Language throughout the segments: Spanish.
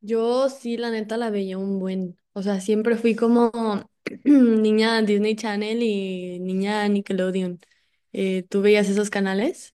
Yo sí, la neta, la veía un buen. O sea, siempre fui como niña Disney Channel y niña Nickelodeon. ¿Tú veías esos canales?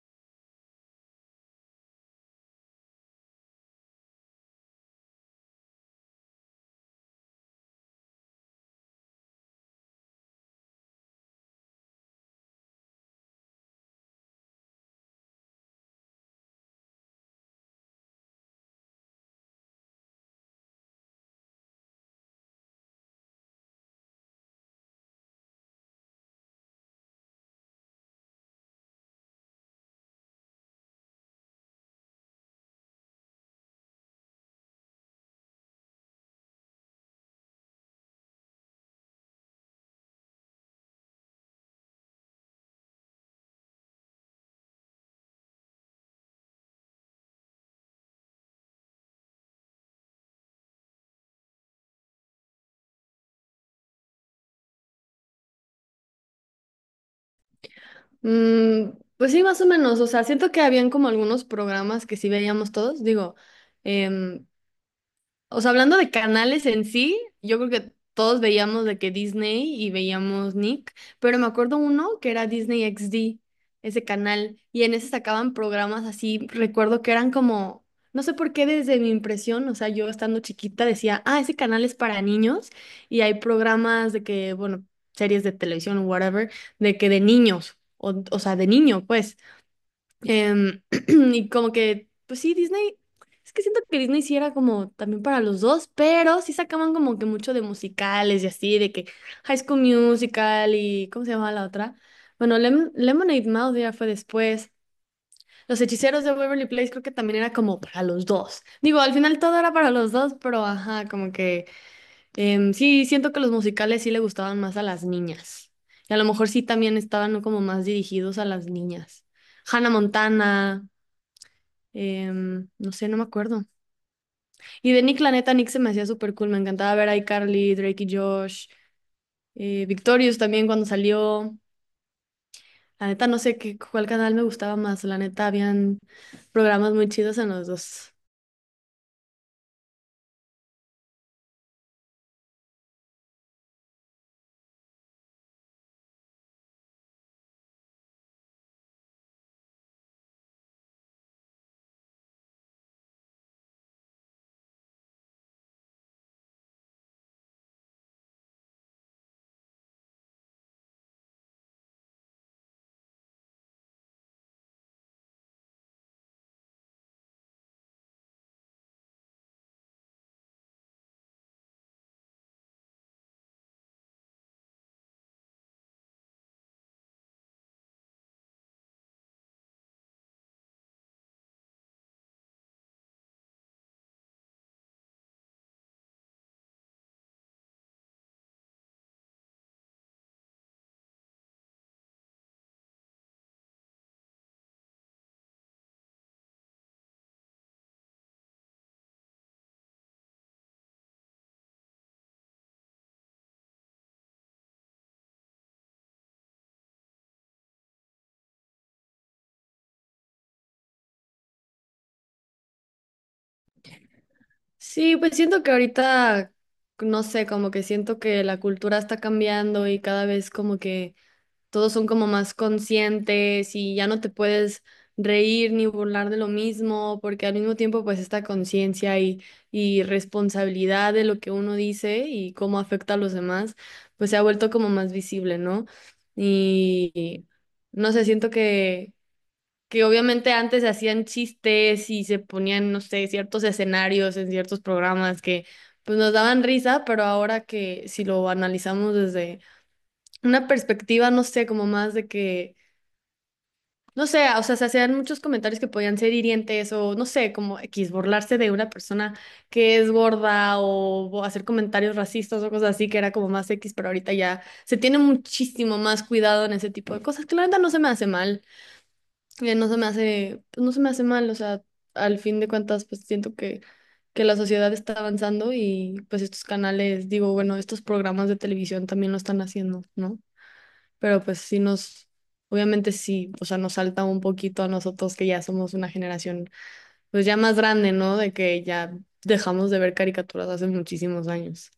Mm, pues sí, más o menos. O sea, siento que habían como algunos programas que sí veíamos todos. O sea, hablando de canales en sí, yo creo que todos veíamos de que Disney y veíamos Nick, pero me acuerdo uno que era Disney XD, ese canal, y en ese sacaban programas así, recuerdo que eran como, no sé por qué desde mi impresión, o sea, yo estando chiquita decía, ah, ese canal es para niños, y hay programas de que, bueno, series de televisión o whatever, de que de niños, o sea, de niño, pues. Em, y como que, pues sí, Disney, es que siento que Disney sí era como también para los dos, pero sí sacaban como que mucho de musicales y así, de que High School Musical y, ¿cómo se llamaba la otra? Bueno, Lemonade Mouth ya fue después. Los Hechiceros de Waverly Place creo que también era como para los dos. Digo, al final todo era para los dos, pero ajá, como que sí, siento que los musicales sí le gustaban más a las niñas. Y a lo mejor sí también estaban como más dirigidos a las niñas. Hannah Montana. No sé, no me acuerdo. Y de Nick, la neta, Nick se me hacía súper cool. Me encantaba ver a iCarly, Drake y Josh, Victorious también cuando salió. La neta, no sé qué, cuál canal me gustaba más. La neta, habían programas muy chidos en los dos. Sí, pues siento que ahorita, no sé, como que siento que la cultura está cambiando y cada vez como que todos son como más conscientes y ya no te puedes reír ni burlar de lo mismo, porque al mismo tiempo pues esta conciencia y responsabilidad de lo que uno dice y cómo afecta a los demás, pues se ha vuelto como más visible, ¿no? Y no sé, siento que obviamente antes se hacían chistes y se ponían, no sé, ciertos escenarios en ciertos programas que pues nos daban risa, pero ahora que si lo analizamos desde una perspectiva, no sé, como más de que, no sé, o sea, se hacían muchos comentarios que podían ser hirientes o, no sé, como X, burlarse de una persona que es gorda o hacer comentarios racistas o cosas así, que era como más X, pero ahorita ya se tiene muchísimo más cuidado en ese tipo de cosas, que la neta no se me hace mal, no se me hace, pues, no se me hace mal, o sea, al fin de cuentas, pues siento que... Que la sociedad está avanzando y pues estos canales, digo, bueno, estos programas de televisión también lo están haciendo, ¿no? Pero pues sí nos, obviamente sí, o sea, nos salta un poquito a nosotros que ya somos una generación pues ya más grande, ¿no? De que ya dejamos de ver caricaturas hace muchísimos años.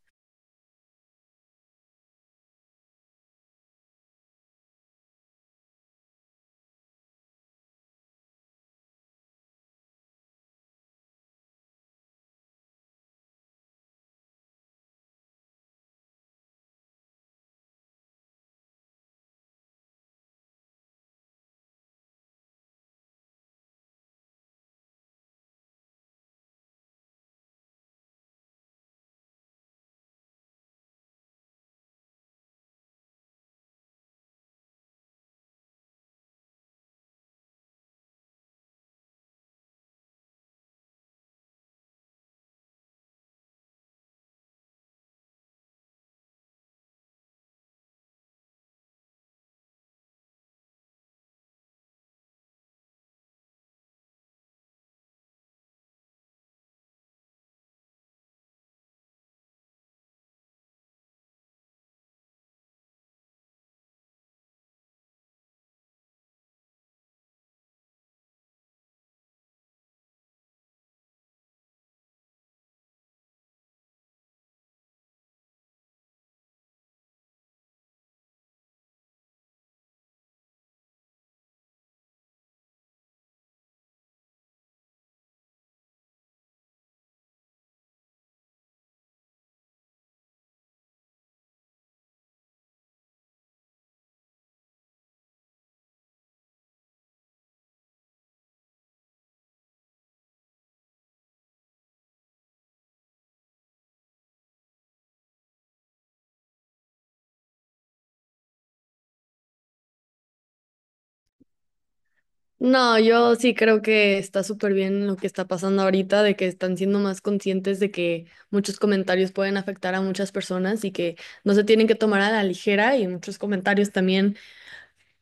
No, yo sí creo que está súper bien lo que está pasando ahorita, de que están siendo más conscientes de que muchos comentarios pueden afectar a muchas personas y que no se tienen que tomar a la ligera y muchos comentarios también,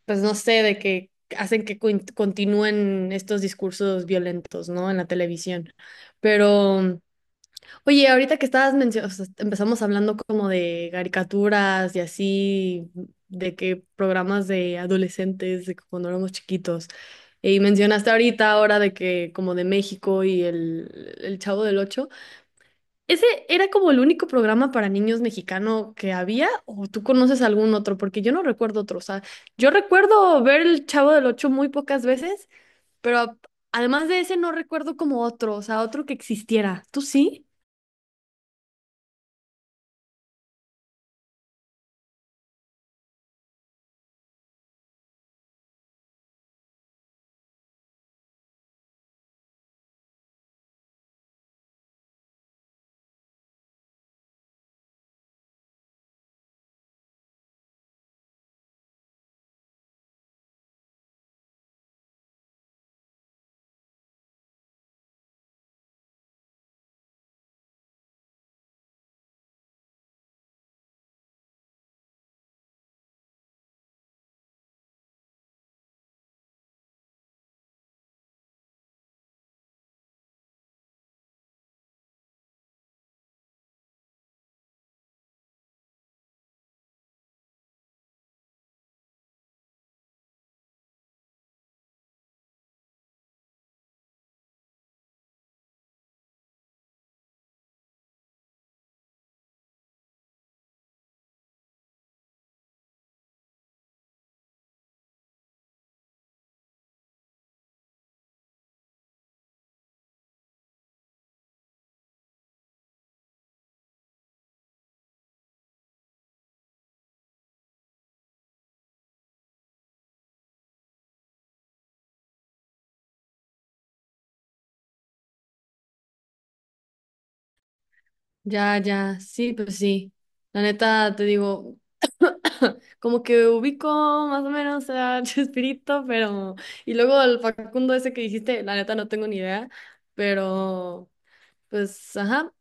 pues no sé, de que hacen que continúen estos discursos violentos, ¿no? En la televisión. Pero oye, ahorita que estabas mencionando, empezamos hablando como de caricaturas y así, de que programas de adolescentes, de que cuando éramos chiquitos. Y mencionaste ahorita ahora de que como de México y el Chavo del Ocho. ¿Ese era como el único programa para niños mexicano que había? ¿O tú conoces algún otro? Porque yo no recuerdo otro. O sea, yo recuerdo ver el Chavo del Ocho muy pocas veces, pero además de ese no recuerdo como otro, o sea, otro que existiera. ¿Tú sí? Ya, ya, sí, pues sí. La neta, te digo, como que ubico más o menos a Chespirito, pero... Y luego el Facundo ese que dijiste, la neta no tengo ni idea, pero pues, ajá.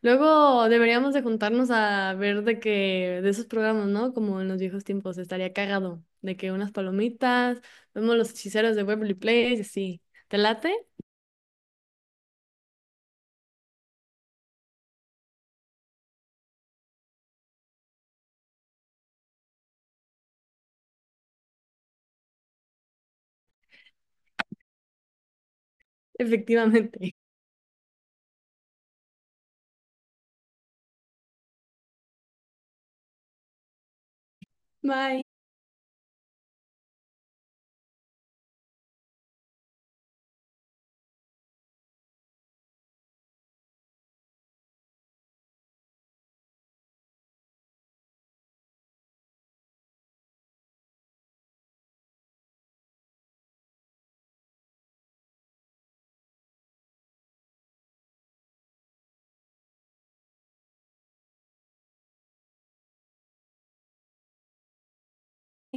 Luego deberíamos de juntarnos a ver de que, de esos programas, ¿no? Como en los viejos tiempos, estaría cagado, de que unas palomitas, vemos los Hechiceros de Waverly Place, y así. ¿Te late? Efectivamente. Bye.